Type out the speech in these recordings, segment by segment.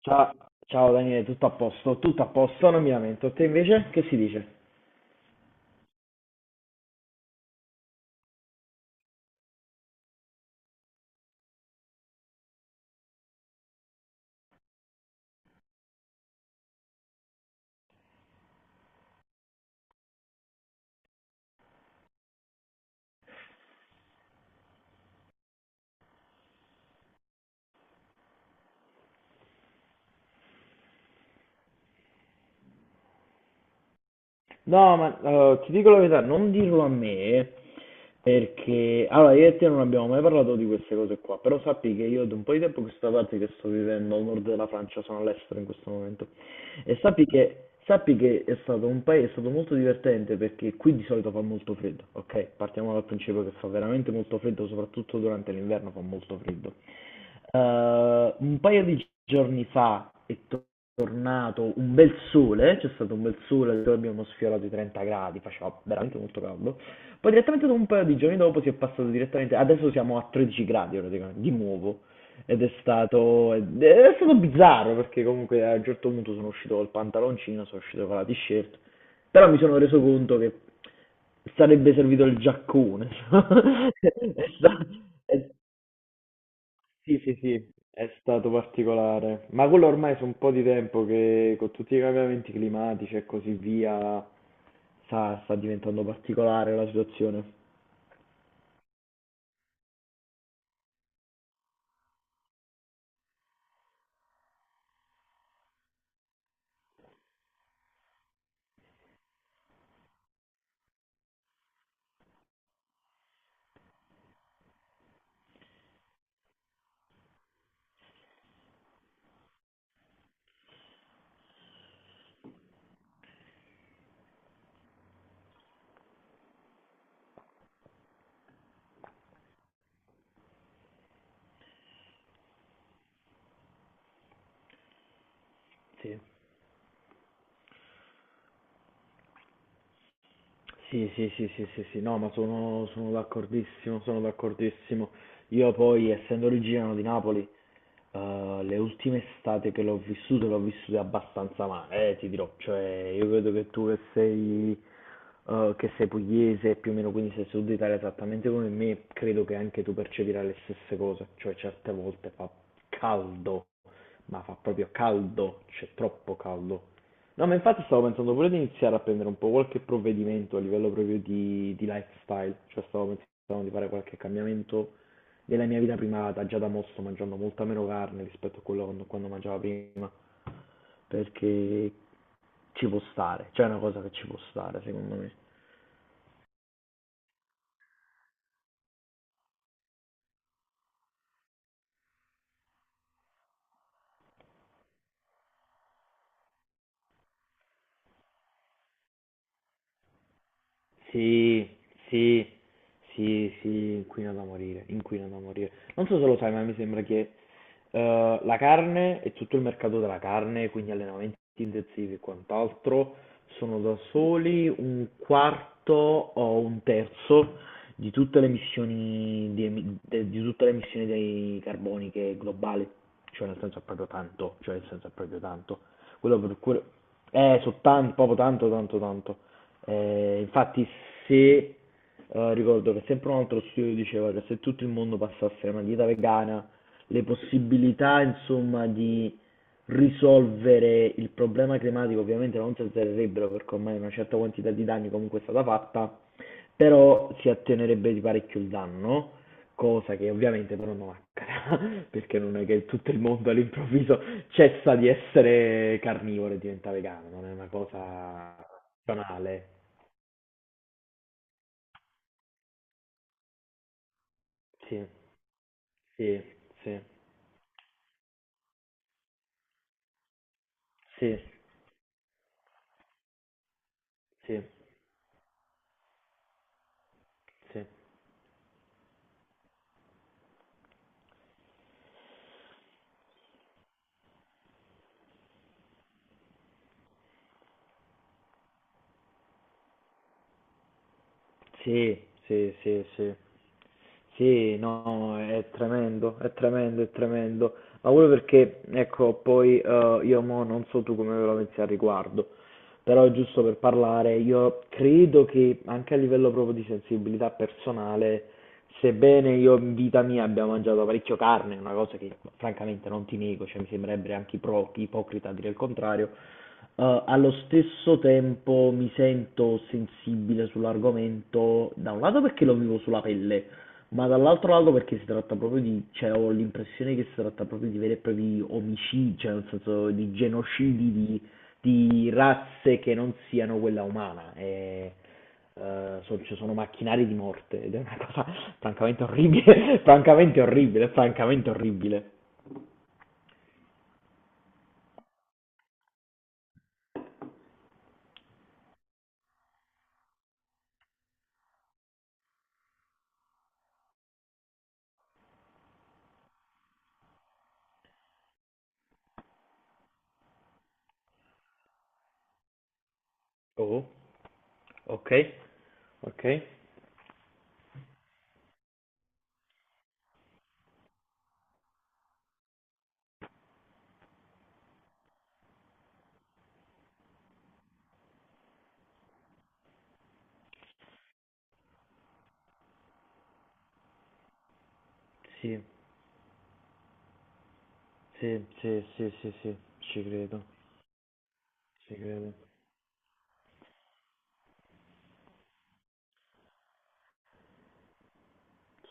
Ciao, ciao Daniele, tutto a posto, non mi lamento. Te invece che si dice? No, ma ti dico la verità, non dirlo a me perché allora io e te non abbiamo mai parlato di queste cose qua, però sappi che io da un po' di tempo a questa parte che sto vivendo al nord della Francia, sono all'estero in questo momento. E sappi che è stato un paese, è stato molto divertente perché qui di solito fa molto freddo, ok? Partiamo dal principio che fa veramente molto freddo, soprattutto durante l'inverno fa molto freddo. Un paio di giorni fa tornato un bel sole, c'è stato un bel sole, dove abbiamo sfiorato i 30 gradi, faceva veramente molto caldo. Poi direttamente dopo un paio di giorni dopo si è passato direttamente, adesso siamo a 13 gradi praticamente, di nuovo. Ed è stato bizzarro perché comunque a un certo punto sono uscito col pantaloncino, sono uscito con la t-shirt, però mi sono reso conto che sarebbe servito il giaccone. È sta- è- sì, sì, sì, è stato particolare, ma quello ormai è un po' di tempo che con tutti i cambiamenti climatici e così via, sta diventando particolare la situazione. Sì. Sì, sì, sì, sì, sì, sì, no, ma sono d'accordissimo, sono d'accordissimo. Io poi, essendo originario di Napoli, le ultime estate che l'ho vissute abbastanza male, ti dirò. Cioè, io vedo che tu che sei pugliese, più o meno quindi sei sud Italia esattamente come me, credo che anche tu percepirai le stesse cose. Cioè, certe volte fa caldo, ma fa proprio caldo, c'è troppo caldo. No, ma infatti stavo pensando pure di iniziare a prendere un po' qualche provvedimento a livello proprio di lifestyle, cioè stavo pensando di fare qualche cambiamento nella mia vita privata, già da mo' sto mangiando molta meno carne rispetto a quello quando mangiavo prima, perché ci può stare, c'è una cosa che ci può stare, secondo me. Sì, sì, sì, sì, inquina da morire, inquina da morire. Non so se lo sai, ma mi sembra che la carne e tutto il mercato della carne, quindi allenamenti sintesi e quant'altro sono da soli un quarto o un terzo di tutte le emissioni di, emi- de- di tutte le emissioni dei carboniche globali, cioè nel senso è proprio tanto, cioè nel senso è proprio tanto. Quello per cui proprio tanto, tanto, tanto. Infatti se ricordo che sempre un altro studio diceva che se tutto il mondo passasse a una dieta vegana, le possibilità, insomma, di risolvere il problema climatico ovviamente non si alzerebbero perché ormai una certa quantità di danni comunque è stata fatta, però si attenerebbe di parecchio il danno, cosa che ovviamente però non accadrà, perché non è che tutto il mondo all'improvviso cessa di essere carnivoro e diventa vegano, non è una cosa banale. Sì, sì, sì, sì, sì, sì. Sì, sì, sì, sì. Sì, no, è tremendo, è tremendo, è tremendo. Ma quello perché, ecco, poi io mo non so tu come ve la pensi al riguardo, però giusto per parlare, io credo che anche a livello proprio di sensibilità personale, sebbene io in vita mia abbia mangiato parecchio carne, una cosa che francamente non ti nego, cioè mi sembrerebbe anche ipocrita dire il contrario. Allo stesso tempo mi sento sensibile sull'argomento, da un lato perché lo vivo sulla pelle, ma dall'altro lato perché si tratta proprio di cioè ho l'impressione che si tratta proprio di veri e propri omicidi, cioè nel senso di genocidi di razze che non siano quella umana. E, so ci sono macchinari di morte ed è una cosa francamente orribile, francamente orribile, francamente orribile. Oh, okay, okay, sì. Sì, sì, sì, sì, sì, ci credo, ci credo.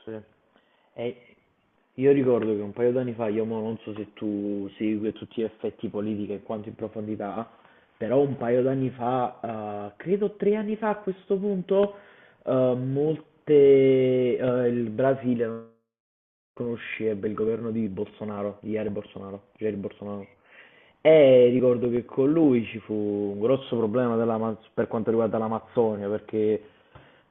Sì. E io ricordo che un paio d'anni fa, io mo non so se tu segui tutti gli effetti politiche e quanto in profondità, però un paio d'anni fa, credo tre anni fa a questo punto, eh, molte, il Brasile conoscebbe il governo di Bolsonaro, di Jair Bolsonaro. E ricordo che con lui ci fu un grosso problema per quanto riguarda l'Amazzonia, perché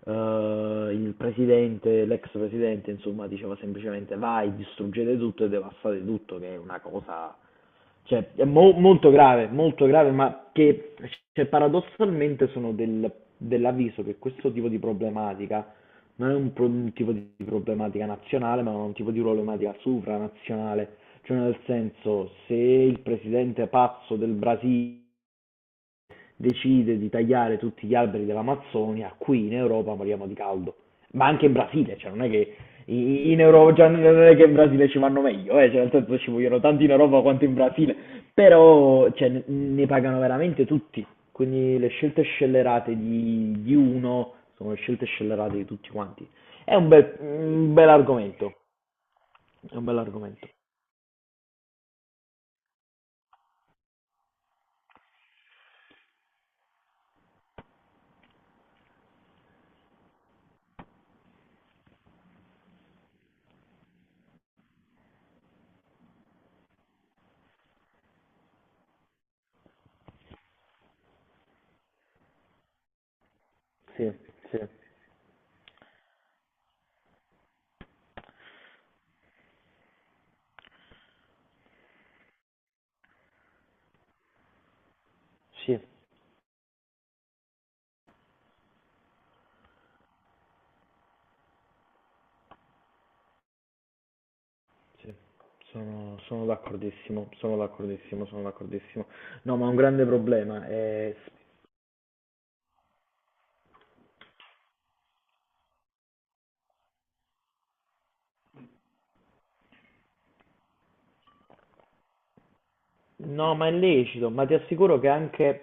il presidente, l'ex presidente, insomma, diceva semplicemente vai, distruggete tutto e devastate tutto, che è una cosa cioè, è molto grave, ma che cioè, paradossalmente sono dell'avviso che questo tipo di problematica non è un, un tipo di problematica nazionale, ma è un tipo di problematica supranazionale. Cioè, nel senso, se il presidente pazzo del Brasile decide di tagliare tutti gli alberi dell'Amazzonia, qui in Europa moriamo di caldo. Ma anche in Brasile, cioè non è che in Europa, già non è che in Brasile ci vanno meglio, cioè nel senso ci vogliono tanti in Europa quanto in Brasile, però cioè, ne pagano veramente tutti. Quindi le scelte scellerate di uno sono le scelte scellerate di tutti quanti. È un bel argomento, è un bel argomento. Sì, sì, sì. Sì, sono d'accordissimo, sono d'accordissimo, sono d'accordissimo. No, ma un grande problema è No, ma è lecito, ma ti assicuro che anche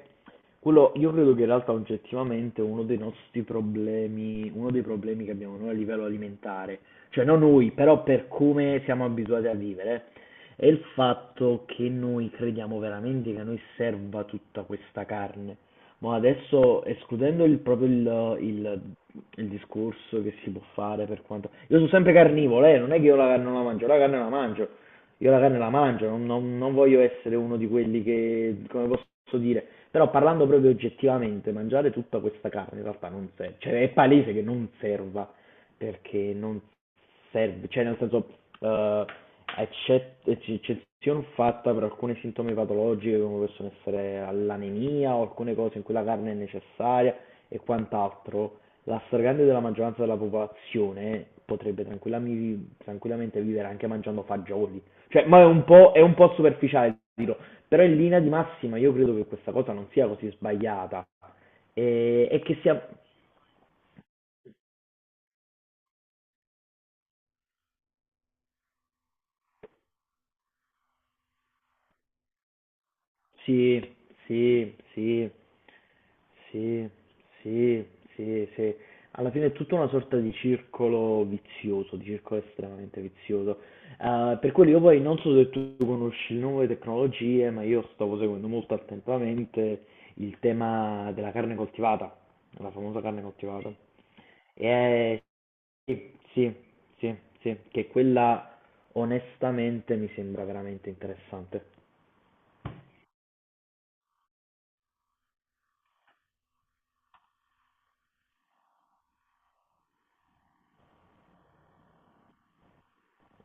quello, io credo che in realtà oggettivamente uno dei nostri problemi, uno dei problemi che abbiamo noi a livello alimentare, cioè non noi, però per come siamo abituati a vivere, è il fatto che noi crediamo veramente che a noi serva tutta questa carne. Ma adesso, escludendo il, proprio il discorso che si può fare per quanto... Io sono sempre carnivoro, non è che io la carne non la mangio, la carne la mangio, io la carne la mangio, non voglio essere uno di quelli che, come posso dire, però parlando proprio oggettivamente, mangiare tutta questa carne in realtà non serve, cioè è palese che non serva, perché non serve, cioè nel senso, eh, eccezione fatta per alcune sintomi patologiche come possono essere l'anemia o alcune cose in cui la carne è necessaria e quant'altro, la stragrande della maggioranza della popolazione potrebbe tranquillamente vivere anche mangiando fagioli cioè, ma è un po' superficiale, dirò. Però in linea di massima io credo che questa cosa non sia così sbagliata. E che sia... Sì, sì, sì, sì, sì, sì, sì. Alla fine è tutta una sorta di circolo vizioso, di circolo estremamente vizioso. Per quello io poi non so se tu conosci le nuove tecnologie, ma io stavo seguendo molto attentamente il tema della carne coltivata, la famosa carne coltivata. E Sì, sì, sì, sì, che quella onestamente mi sembra veramente interessante.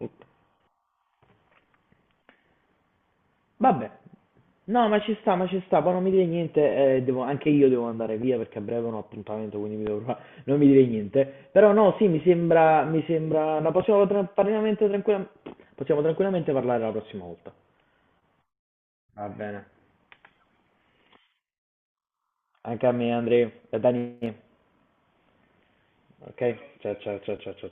Ok. Vabbè, no, ma ci sta, poi non mi dire niente, anche io devo andare via perché a breve ho un appuntamento, quindi mi devo preparare. Non mi dire niente. Però no, sì, mi sembra, no, possiamo possiamo tranquillamente parlare la prossima volta. Va bene. Anche a me, Andrea, da Dani. Ok? Ciao, ciao, ciao, ciao, ciao.